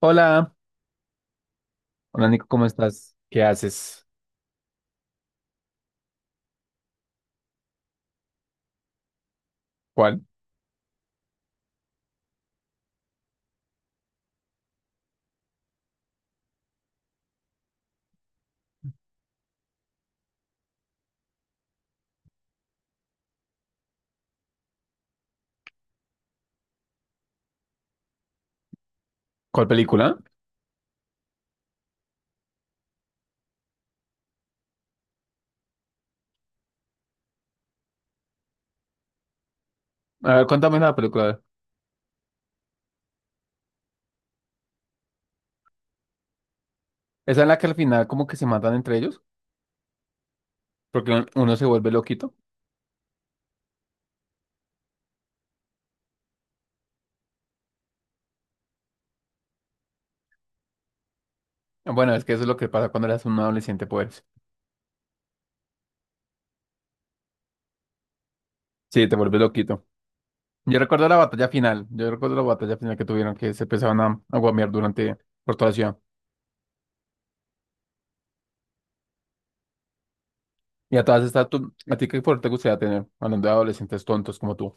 Hola, hola Nico, ¿cómo estás? ¿Qué haces? ¿Cuál? ¿Cuál película? A ver, cuéntame la película. ¿Esa es la que al final como que se matan entre ellos? Porque uno se vuelve loquito. Bueno, es que eso es lo que pasa cuando eres un adolescente, pues. Sí, te vuelves loquito. Yo recuerdo la batalla final. Yo recuerdo la batalla final que tuvieron, que se empezaban a guamear durante por toda la ciudad. Y a todas estas, ¿a ti qué poder te gustaría tener? Hablando de adolescentes tontos como tú.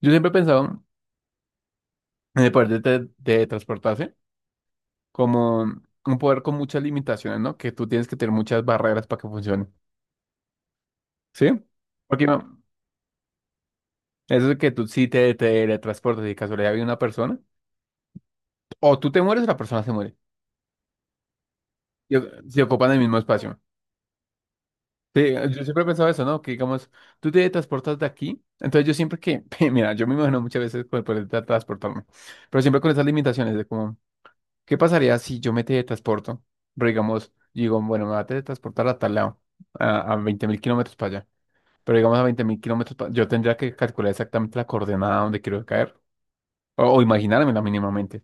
Yo siempre he pensado en el poder de transportarse, como un poder con muchas limitaciones, ¿no? Que tú tienes que tener muchas barreras para que funcione, ¿sí? Porque no, eso de que tú sí te teletransportas y de casualidad viene una persona, o tú te mueres o la persona se muere, y o- se ocupan el mismo espacio. Sí, yo siempre he pensado eso, ¿no? Que digamos, tú te transportas de aquí, entonces yo siempre que, mira, yo me imagino muchas veces con el poder de transportarme, pero siempre con esas limitaciones de como, ¿qué pasaría si yo me teletransporto? Pero digamos, digo, bueno, me voy a teletransportar a tal lado, a 20.000 kilómetros para allá. Pero digamos a 20.000 kilómetros, yo tendría que calcular exactamente la coordenada donde quiero caer, o imaginármela mínimamente.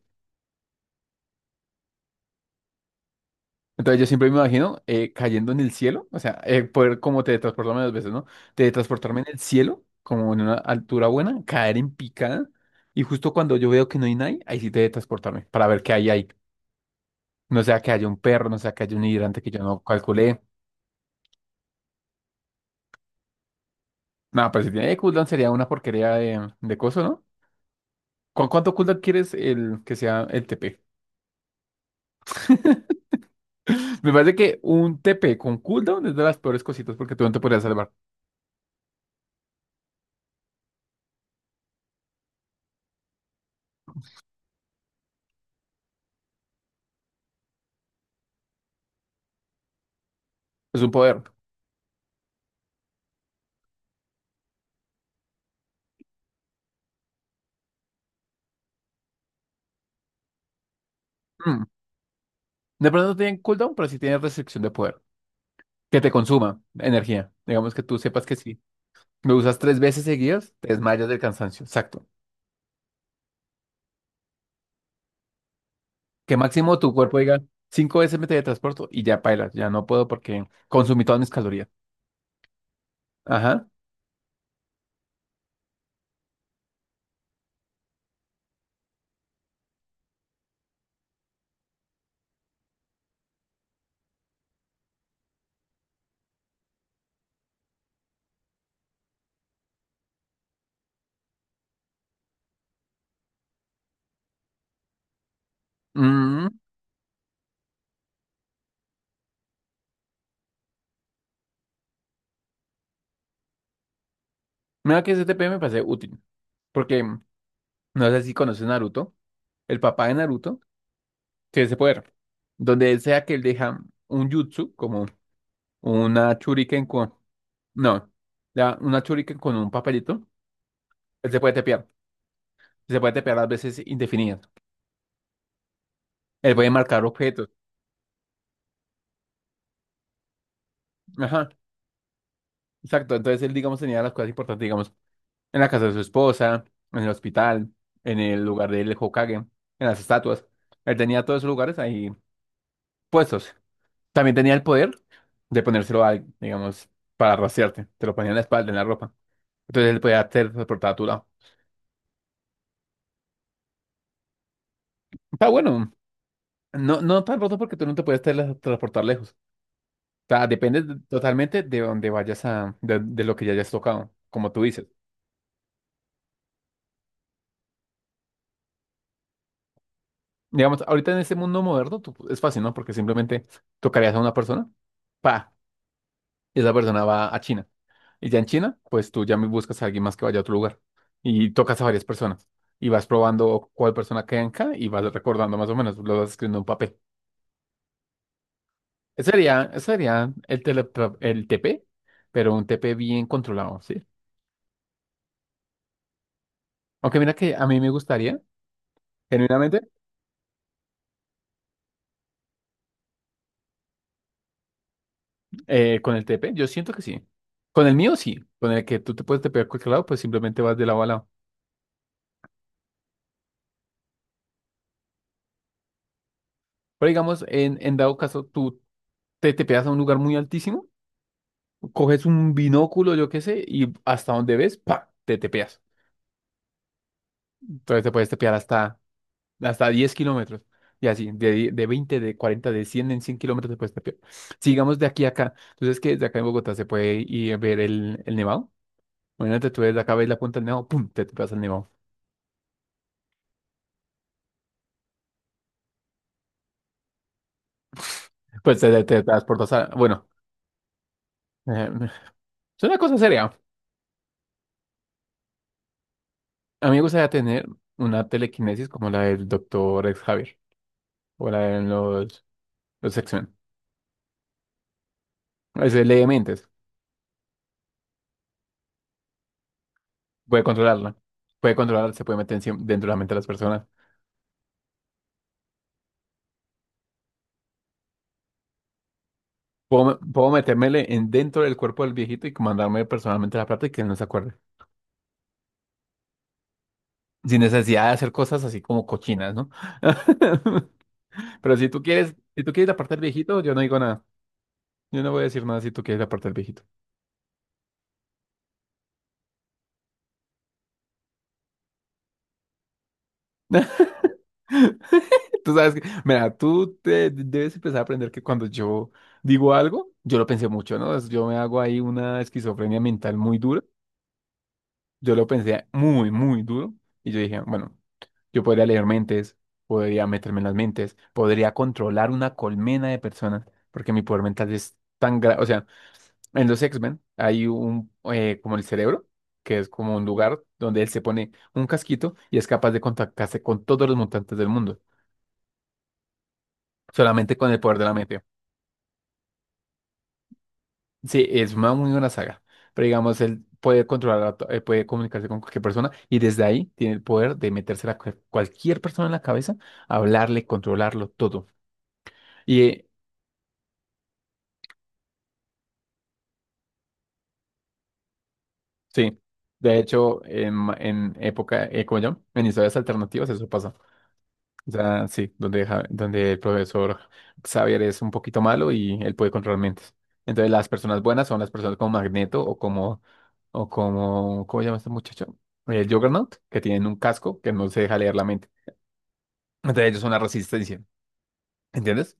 Entonces yo siempre me imagino cayendo en el cielo, o sea, poder como teletransportarme dos veces, ¿no? Teletransportarme en el cielo, como en una altura buena, caer en picada, y justo cuando yo veo que no hay nadie, ahí sí teletransportarme, para ver qué hay ahí. No sea que haya un perro, no sea que haya un hidrante que yo no calculé. No, pero si tiene cooldown sería una porquería de coso, ¿no? ¿Con cuánto cooldown quieres el que sea el TP? Me parece que un TP con cooldown es de las peores cositas porque tú no te podrías salvar. Es un poder. Mm. De pronto no tienen cooldown, pero sí tienen restricción de poder. Que te consuma energía. Digamos que tú sepas que si lo usas tres veces seguidas, te desmayas del cansancio. Exacto. Que máximo tu cuerpo diga cinco veces me teletransporto y ya pailas. Ya no puedo porque consumí todas mis calorías. Ajá. Mm. Mira que ese TP me parece útil. Porque no sé si conoces Naruto. El papá de Naruto tiene ese poder. Donde él sea que él deja un jutsu, como una shuriken con... No, una shuriken con un papelito, él se puede tepear. Se puede tepear a veces indefinidas. Él puede marcar objetos. Ajá, exacto. Entonces él, digamos, tenía las cosas importantes, digamos, en la casa de su esposa, en el hospital, en el lugar del Hokage, en las estatuas. Él tenía todos esos lugares ahí puestos. También tenía el poder de ponérselo a alguien, digamos, para rastrearte. Te lo ponía en la espalda, en la ropa. Entonces él podía teletransportar a tu lado. Está bueno. No, no tan roto porque tú no te puedes teletransportar lejos. O sea, totalmente de donde vayas a, de lo que ya hayas tocado, como tú dices. Digamos, ahorita en este mundo moderno es fácil, ¿no? Porque simplemente tocarías a una persona, pa, y esa persona va a China. Y ya en China, pues tú ya me buscas a alguien más que vaya a otro lugar y tocas a varias personas y vas probando cuál persona queda en cada y vas recordando más o menos, lo vas escribiendo en un papel. Sería, sería el TP, pero un TP bien controlado, ¿sí? Aunque mira que a mí me gustaría, genuinamente, con el TP, yo siento que sí. Con el mío sí, con el que tú te puedes tepear a cualquier lado, pues simplemente vas de lado a lado. Pero digamos, en dado caso, tú te tepeas a un lugar muy altísimo, coges un binóculo, yo qué sé, y hasta donde ves, ¡pa! Te tepeas. Entonces te puedes tepear hasta 10 kilómetros. Y así, de 20 de 40 de 100 en 100 kilómetros después de Puesta Sigamos de aquí a acá. Entonces, que desde acá en Bogotá se puede ir a ver el nevado. Imagínate, tú desde acá ves la punta del nevado, ¡pum! Te pasa el nevado. Pues te transportas a... Bueno, eh, es una cosa seria. A mí me gustaría tener una telequinesis como la del doctor Javier o la de los X-Men. Es de ley de mentes. Puede controlarla. Puede controlar, se puede meter dentro de la mente de las personas. Puedo, puedo metérmele en dentro del cuerpo del viejito y mandarme personalmente la plata y que él no se acuerde. Sin necesidad de hacer cosas así como cochinas, ¿no? Pero si tú quieres, si tú quieres la parte del viejito, yo no digo nada. Yo no voy a decir nada si tú quieres la parte del viejito. Tú sabes que, mira, tú te debes empezar a aprender que cuando yo digo algo, yo lo pensé mucho, ¿no? Yo me hago ahí una esquizofrenia mental muy dura. Yo lo pensé muy, muy duro. Y yo dije, bueno. Yo podría leer mentes, podría meterme en las mentes, podría controlar una colmena de personas, porque mi poder mental es tan grande. O sea, en los X-Men hay un, como el cerebro, que es como un lugar donde él se pone un casquito y es capaz de contactarse con todos los mutantes del mundo, solamente con el poder de la mente. Sí, es una muy buena saga, pero digamos, él puede controlar, puede comunicarse con cualquier persona y desde ahí tiene el poder de meterse a cualquier persona en la cabeza, hablarle, controlarlo todo. Y eh, Sí, de hecho, en época, ¿cómo se llama? En historias alternativas eso pasa. O sea, sí, donde el profesor Xavier es un poquito malo y él puede controlar mentes. Entonces las personas buenas son las personas como Magneto o como, ¿cómo se llama este muchacho? El Juggernaut, que tienen un casco que no se deja leer la mente. Entonces ellos son la resistencia, ¿entiendes?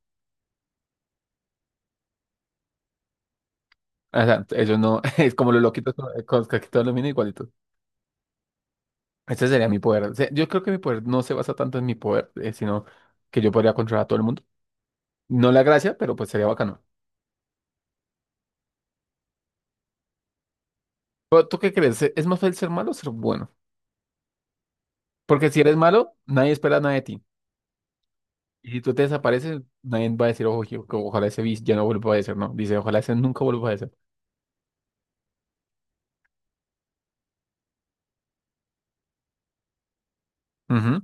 O sea, ellos no, es como los loquitos, con casquitos de aluminio. Ese sería mi poder. O sea, yo creo que mi poder no se basa tanto en mi poder, sino que yo podría controlar a todo el mundo. No la gracia, pero pues sería bacano. Pero ¿tú qué crees? ¿Es más fácil ser malo o ser bueno? Porque si eres malo, nadie espera nada de ti. Y si tú te desapareces, nadie va a decir, ojo, que ojalá ese bis ya no vuelva a aparecer, ¿no? Dice, ojalá ese nunca vuelva a aparecer. Ujú.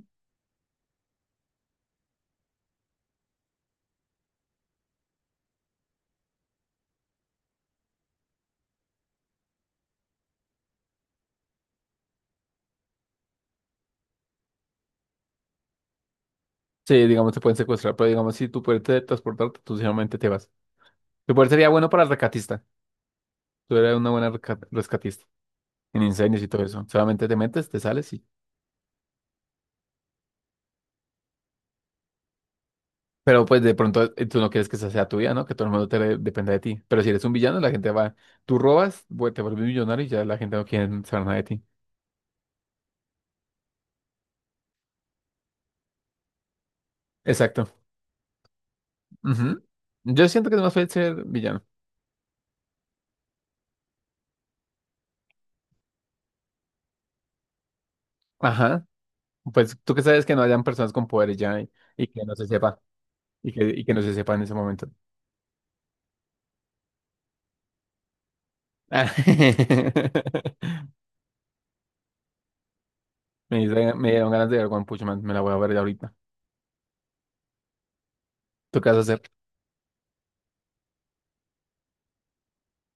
Sí, digamos, te pueden secuestrar, pero digamos, si tú puedes transportarte, tú simplemente te vas. Tu poder sería bueno para el rescatista. Tú eres una buena rescatista en incendios y todo eso. Solamente te metes, te sales y... Pero pues de pronto tú no quieres que esa sea tu vida, ¿no? Que todo el mundo dependa de ti. Pero si eres un villano, la gente va, tú robas, te vuelves millonario y ya la gente no quiere saber nada de ti. Exacto. Ujú. Yo siento que es más fácil ser villano. Ajá. Pues tú que sabes que no hayan personas con poderes ya y que no se sepa, y que no se sepa en ese momento. Me dieron ganas de ver One Punch Man, me la voy a ver ya ahorita. ¿Tú qué vas a hacer?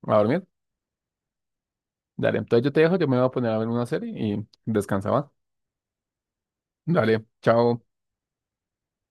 ¿A dormir? Dale, entonces yo te dejo, yo me voy a poner a ver una serie y descansa, ¿va? Dale, chao.